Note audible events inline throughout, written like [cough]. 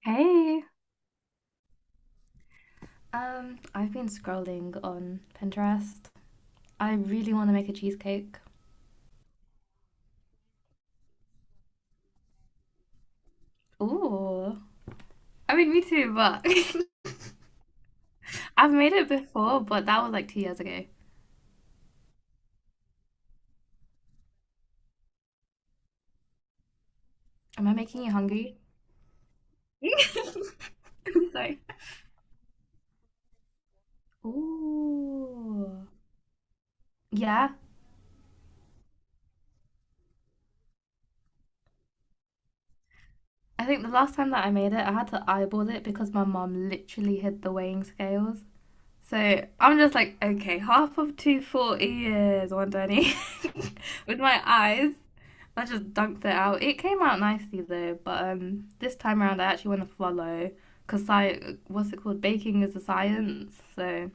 Hey, I've been scrolling on Pinterest. I really want to make a cheesecake. Ooh, I mean, me too, but [laughs] I've made it before, but that was like 2 years ago. Am I making you hungry? [laughs] I'm sorry. Ooh, yeah. I think the last time that I made it, I had to eyeball it because my mom literally hid the weighing scales. So I'm just like, okay, half of 240 is 120 [laughs] with my eyes. I just dunked it out. It came out nicely though, but this time around I actually want to follow because what's it called? Baking is a science. So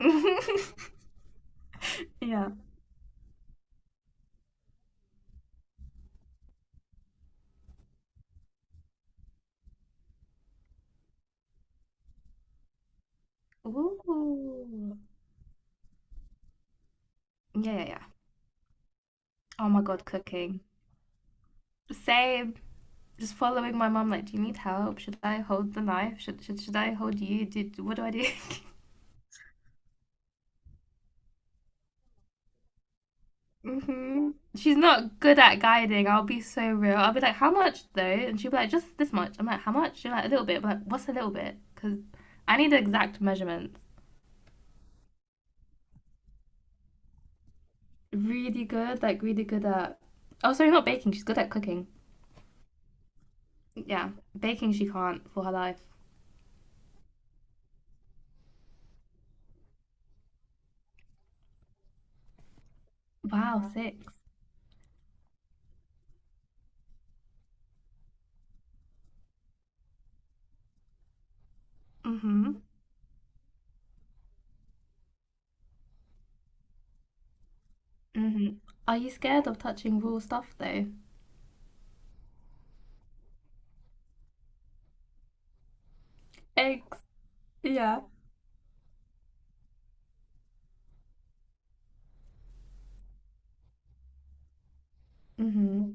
[laughs] yeah. Ooh. Yeah, yeah, yeah. Oh my God, cooking. Same. Just following my mom. Like, do you need help? Should I hold the knife? Should I hold you? Did what do I do? Hmm. She's not good at guiding. I'll be so real. I'll be like, how much though? And she'll be like, just this much. I'm like, how much? She'll be like, a little bit. I'm like, what's a little bit? Because I need the exact measurements. Really good, like really good at. Oh, sorry, not baking. She's good at cooking. Yeah, baking she can't for her life. Wow. Yeah. 6. Mm-hmm. Mm-hmm. Are you scared of touching raw stuff though? Eggs. Yeah. Mm-hmm.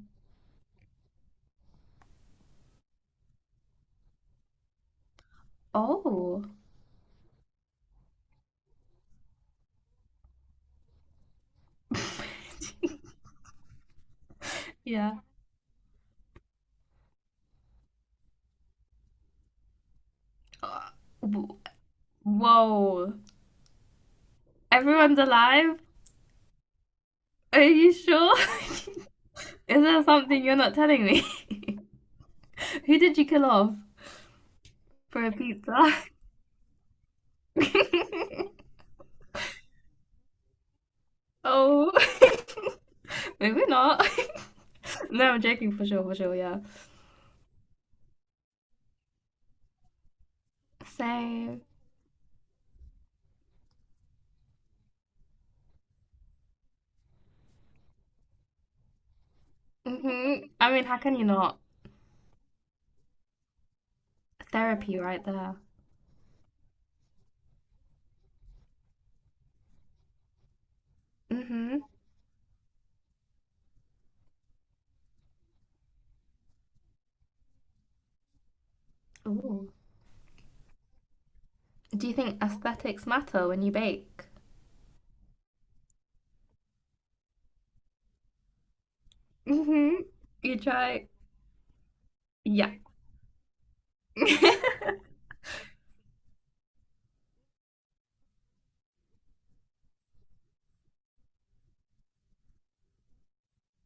Oh. [laughs] Yeah. Uh, Whoa. Everyone's alive? Are you sure? [laughs] Is there something you're not telling me? [laughs] Who did you kill off for a pizza? [laughs] Oh. [laughs] Maybe not. [laughs] No, I'm joking, for sure, yeah. So, hmm. I mean, how can you not? Therapy right there. Mm-hmm. Ooh. Do you think aesthetics matter when you bake? Mm-hmm. You try. Yeah. [laughs]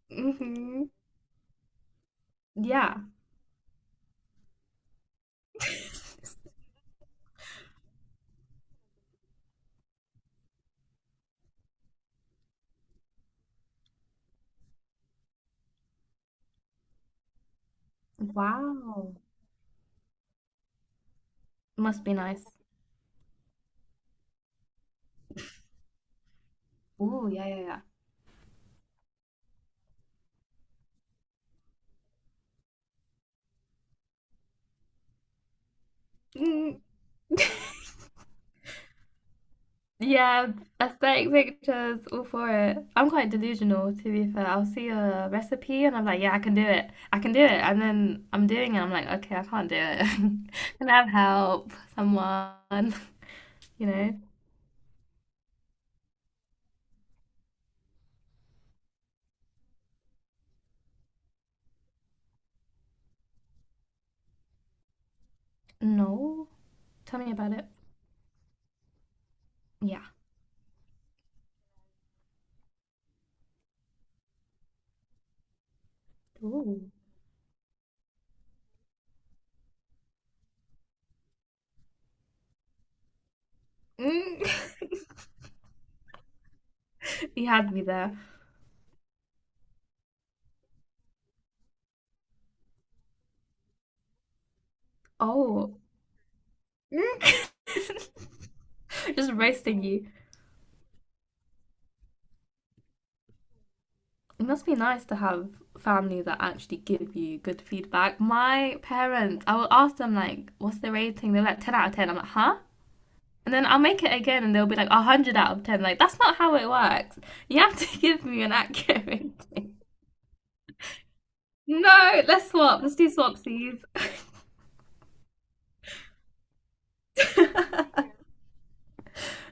Mm-hmm. Yeah. Wow. Must be nice. Oh, yeah, yeah, yeah. Mm, yeah, aesthetic pictures, all for it. I'm quite delusional, to be fair. I'll see a recipe and I'm like, yeah, I can do it. I can do it. And then I'm doing it. I'm like, okay, I can't do it. [laughs] Can I have help? [laughs] You know? No. Tell me about it. Yeah. Ooh. Mm. [laughs] You had me there. Oh. Mm. [laughs] Just roasting you. It must be nice to have family that actually give you good feedback. My parents, I will ask them like, "What's the rating?" They're like, "10 out of 10." I'm like, "Huh?" And then I'll make it again, and they'll be like, "100 out of 10." Like that's not how it works. You have to [laughs] give me an accurate [laughs] rating. No, let's swap. Let's do swapsies. [laughs]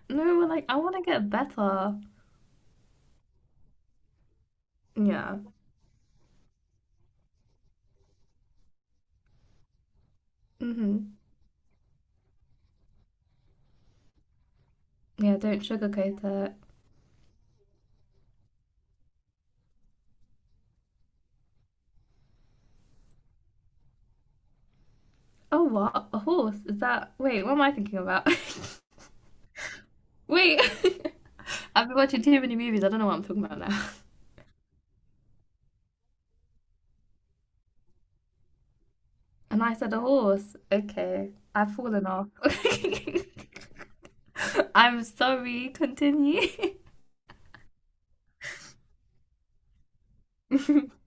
No, we're like, I want to get better. Yeah. Mhm. Yeah. Don't sugarcoat it. Oh, what? A horse? Is that? Wait, what am I thinking about? [laughs] Wait. [laughs] I've been watching too many movies. I don't know what I'm talking about now. And I said, a horse. Okay, I've fallen off. [laughs] I'm sorry, continue. [laughs]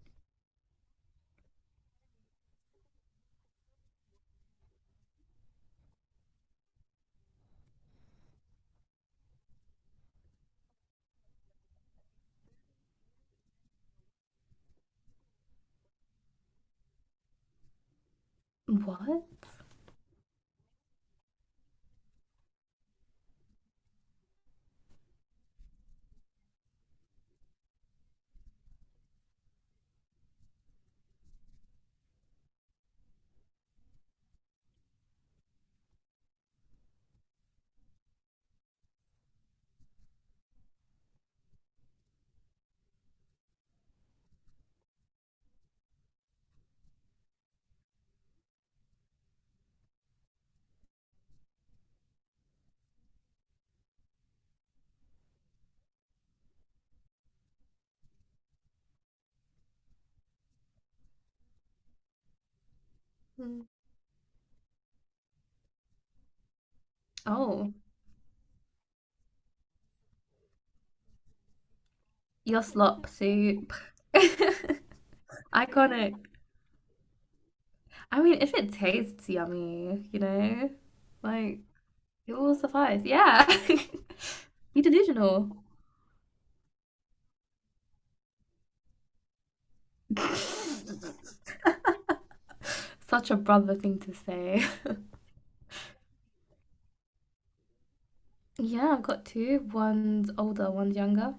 What? Mm. Oh, your slop soup. Iconic. I mean, if it tastes yummy, you know, like it will suffice. Yeah. [laughs] You delusional. Such a brother thing to say. [laughs] Yeah, I've got two. One's older, one's younger.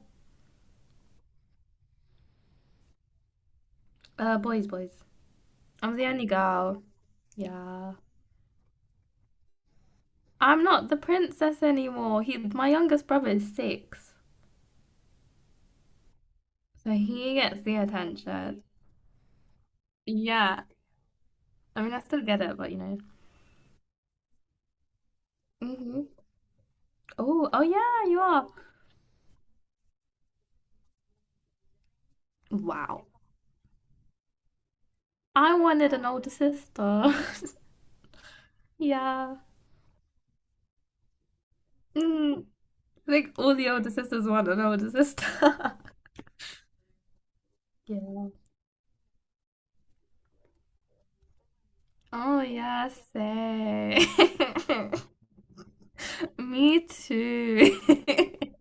Boys, boys. I'm the only girl. Yeah. I'm not the princess anymore. My youngest brother is six, so he gets the attention. Yeah, I mean, I still get it, but you know. Hmm. Oh, oh yeah, you are. Wow, I wanted an older sister. [laughs] Yeah. Mm. I think all the older sisters want an older sister. [laughs] Yeah. Oh yeah, say. [laughs] Me too. [laughs]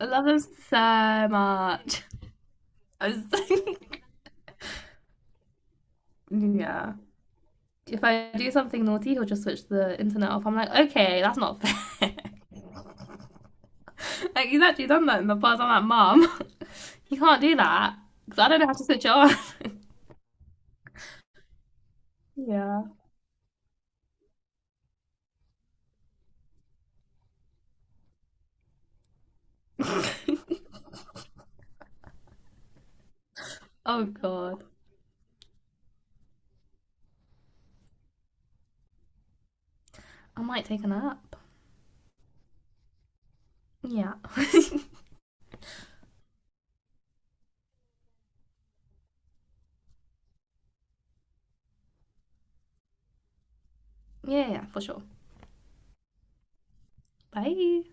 I love them so much. I was- [laughs] yeah, if I do something naughty, he'll just switch the internet off. I'm like, okay, that's not fair. [laughs] Like, he's actually done that in the past. I'm like, mom, [laughs] you can't do that because I don't know how to switch it on. Yeah. [laughs] Oh, God. I might take a nap. Yeah. [laughs] Yeah, yeah, for sure. Bye.